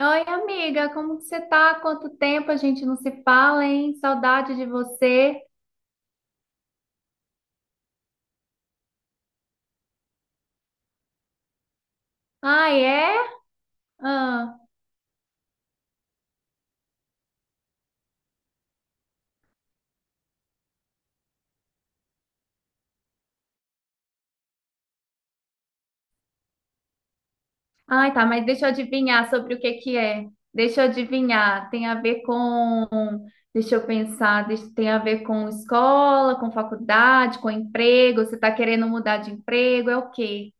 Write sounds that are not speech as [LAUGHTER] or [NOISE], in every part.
Oi, amiga, como que você tá? Quanto tempo a gente não se fala, hein? Saudade de você. Ai, é? Ah. Ai, tá, mas deixa eu adivinhar sobre o que que é. Deixa eu adivinhar. Tem a ver com... Deixa eu pensar. Tem a ver com escola, com faculdade, com emprego. Você tá querendo mudar de emprego? É o quê?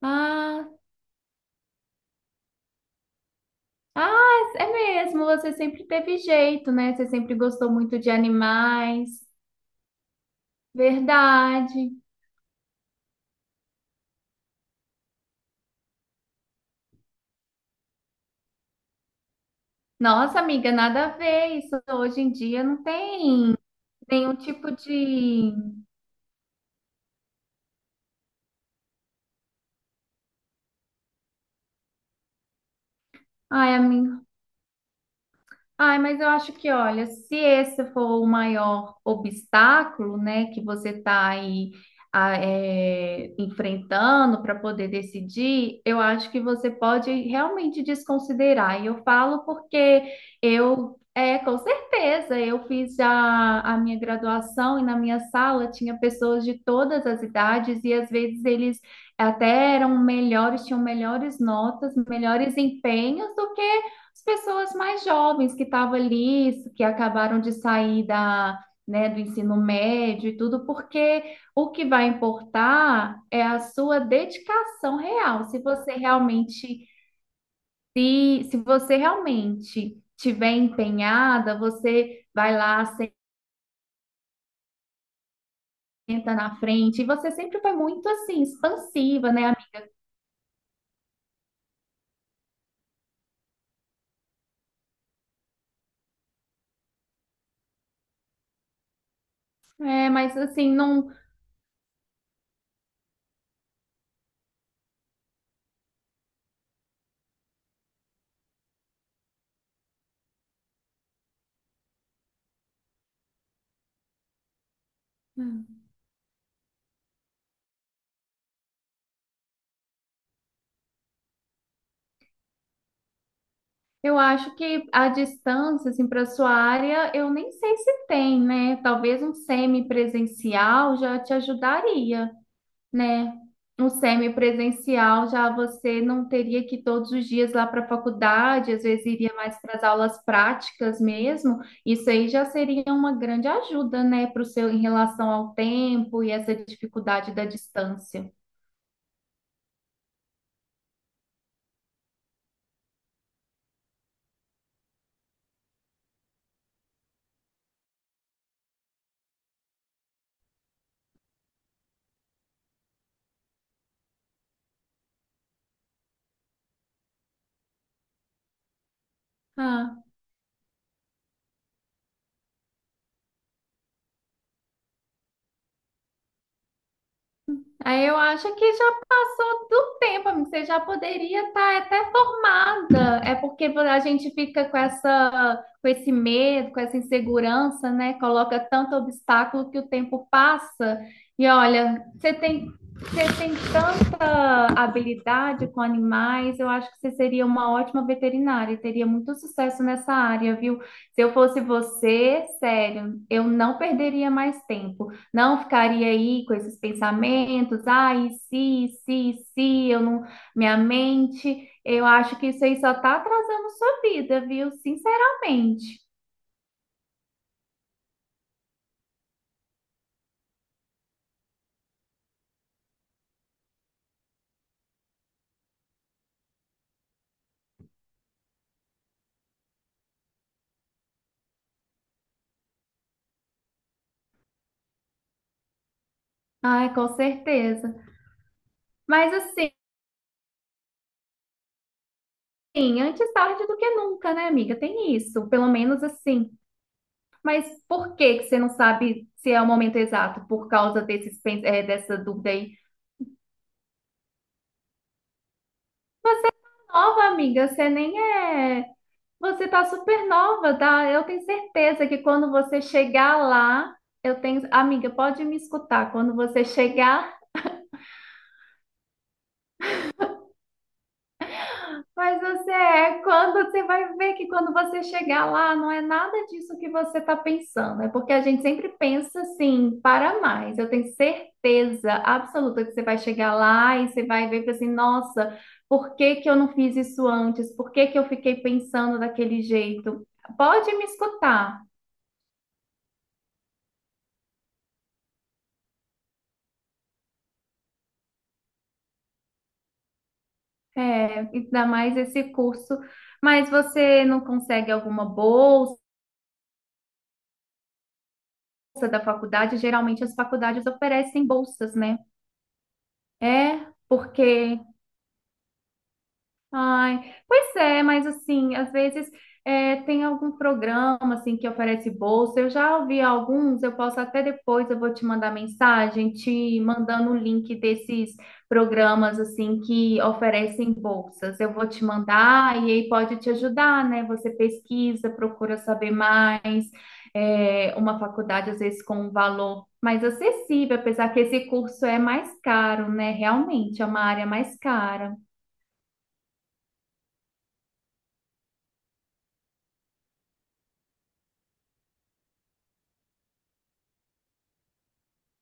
Ah, ah, é mesmo. Você sempre teve jeito, né? Você sempre gostou muito de animais. Verdade. Nossa, amiga, nada a ver. Isso hoje em dia não tem nenhum tipo de. Ai, amiga. Ai, mas eu acho que, olha, se esse for o maior obstáculo, né, que você está aí enfrentando para poder decidir, eu acho que você pode realmente desconsiderar. E eu falo porque eu, com certeza, eu fiz já a minha graduação e na minha sala tinha pessoas de todas as idades e às vezes eles até eram melhores, tinham melhores notas, melhores empenhos do que as pessoas mais jovens que estavam ali, que acabaram de sair da, né, do ensino médio e tudo, porque o que vai importar é a sua dedicação real. Se você realmente, se você realmente tiver empenhada, você vai lá, senta na frente, e você sempre foi muito assim, expansiva, né? É, mas assim, não. Eu acho que a distância, assim, para sua área, eu nem sei se tem, né? Talvez um semipresencial já te ajudaria, né? Um semipresencial já você não teria que ir todos os dias lá para a faculdade, às vezes iria mais para as aulas práticas mesmo. Isso aí já seria uma grande ajuda, né, para o seu em relação ao tempo e essa dificuldade da distância. Ah. Aí eu acho que já passou do tempo, amigo. Você já poderia estar até formada. É porque a gente fica com essa, com esse medo, com essa insegurança, né? Coloca tanto obstáculo que o tempo passa. E olha, você tem tanta habilidade com animais. Eu acho que você seria uma ótima veterinária. E Teria muito sucesso nessa área, viu? Se eu fosse você, sério, eu não perderia mais tempo. Não ficaria aí com esses pensamentos, ai, se, eu não, minha mente, eu acho que isso aí só tá atrasando sua vida, viu? Sinceramente. Ai, com certeza. Mas assim, antes tarde do que nunca, né, amiga? Tem isso, pelo menos assim. Mas por que que você não sabe se é o momento exato? Por causa desses, dessa dúvida aí? Nova, amiga, você nem é. Você está super nova, tá? Eu tenho certeza que quando você chegar lá, eu tenho. Amiga, pode me escutar. Quando você chegar, mas você é. Quando você vai ver que quando você chegar lá, não é nada disso que você está pensando. É porque a gente sempre pensa assim, para mais. Eu tenho certeza absoluta que você vai chegar lá e você vai ver e fala assim, nossa, por que que eu não fiz isso antes? Por que que eu fiquei pensando daquele jeito? Pode me escutar. É, ainda mais esse curso. Mas você não consegue alguma bolsa da faculdade? Geralmente as faculdades oferecem bolsas, né? É, porque ai, pois é, mas assim, às vezes tem algum programa assim que oferece bolsa. Eu já ouvi alguns, eu posso até depois, eu vou te mandar mensagem, te mandando o link desses programas assim que oferecem bolsas. Eu vou te mandar e aí pode te ajudar, né? Você pesquisa, procura saber mais. É, uma faculdade às vezes com um valor mais acessível, apesar que esse curso é mais caro, né? Realmente é uma área mais cara.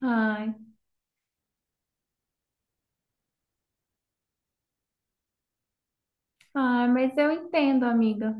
Ai. Ah, mas eu entendo, amiga.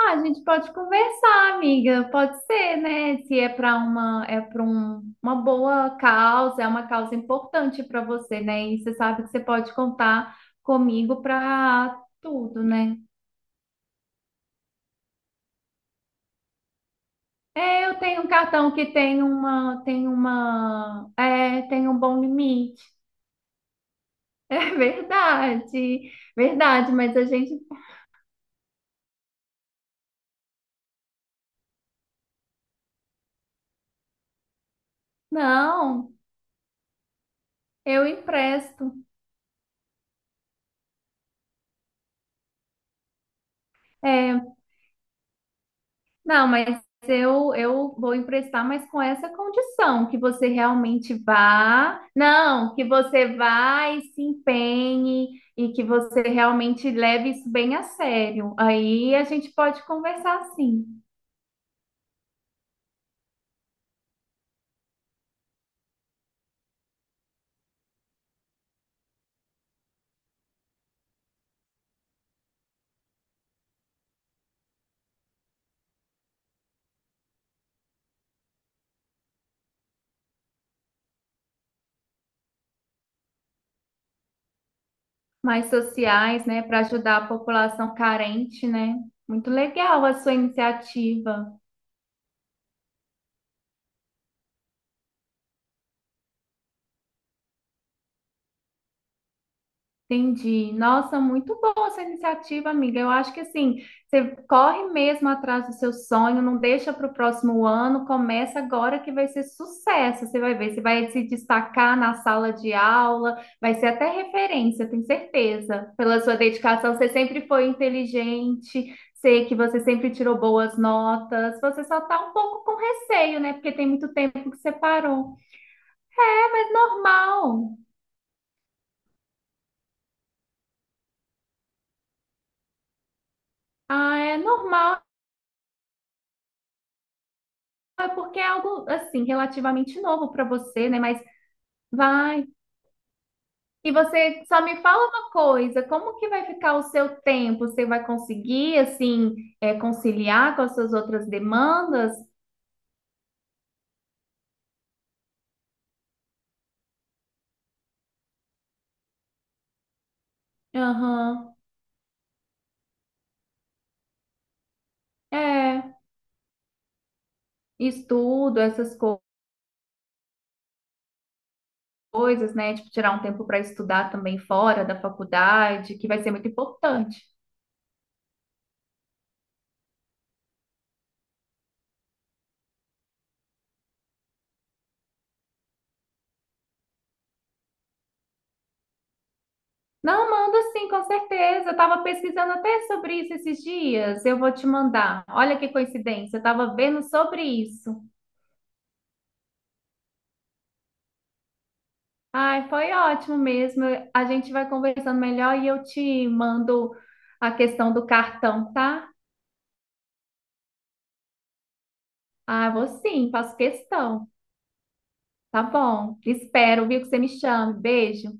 Ah, a gente pode conversar, amiga. Pode ser, né? Se é para uma, é para um, uma boa causa, é uma causa importante para você, né? E você sabe que você pode contar comigo para tudo, né? É, eu tenho um cartão que tem uma, tem uma, tem um bom limite. [LAUGHS] É verdade, verdade. Mas a gente, não, eu empresto. É, não, mas eu vou emprestar, mas com essa condição, que você realmente vá, não, que você vá e se empenhe e que você realmente leve isso bem a sério. Aí a gente pode conversar sim, mais sociais, né, para ajudar a população carente, né? Muito legal a sua iniciativa. Entendi. Nossa, muito boa essa iniciativa, amiga. Eu acho que assim, você corre mesmo atrás do seu sonho, não deixa para o próximo ano, começa agora que vai ser sucesso. Você vai ver, você vai se destacar na sala de aula, vai ser até referência, tenho certeza. Pela sua dedicação, você sempre foi inteligente, sei que você sempre tirou boas notas. Você só tá um pouco com receio, né? Porque tem muito tempo que você parou. É mas normal. Ah, é normal. É porque é algo assim relativamente novo para você, né? Mas vai. E você só me fala uma coisa, como que vai ficar o seu tempo? Você vai conseguir assim conciliar com as suas outras demandas? Aham. É, estudo, coisas, né? Tipo, tirar um tempo para estudar também fora da faculdade, que vai ser muito importante. Não, manda sim, com certeza. Eu estava pesquisando até sobre isso esses dias. Eu vou te mandar. Olha que coincidência, eu estava vendo sobre isso. Ai, foi ótimo mesmo. A gente vai conversando melhor e eu te mando a questão do cartão, tá? Ah, vou sim, faço questão. Tá bom. Espero, viu, que você me chame. Beijo.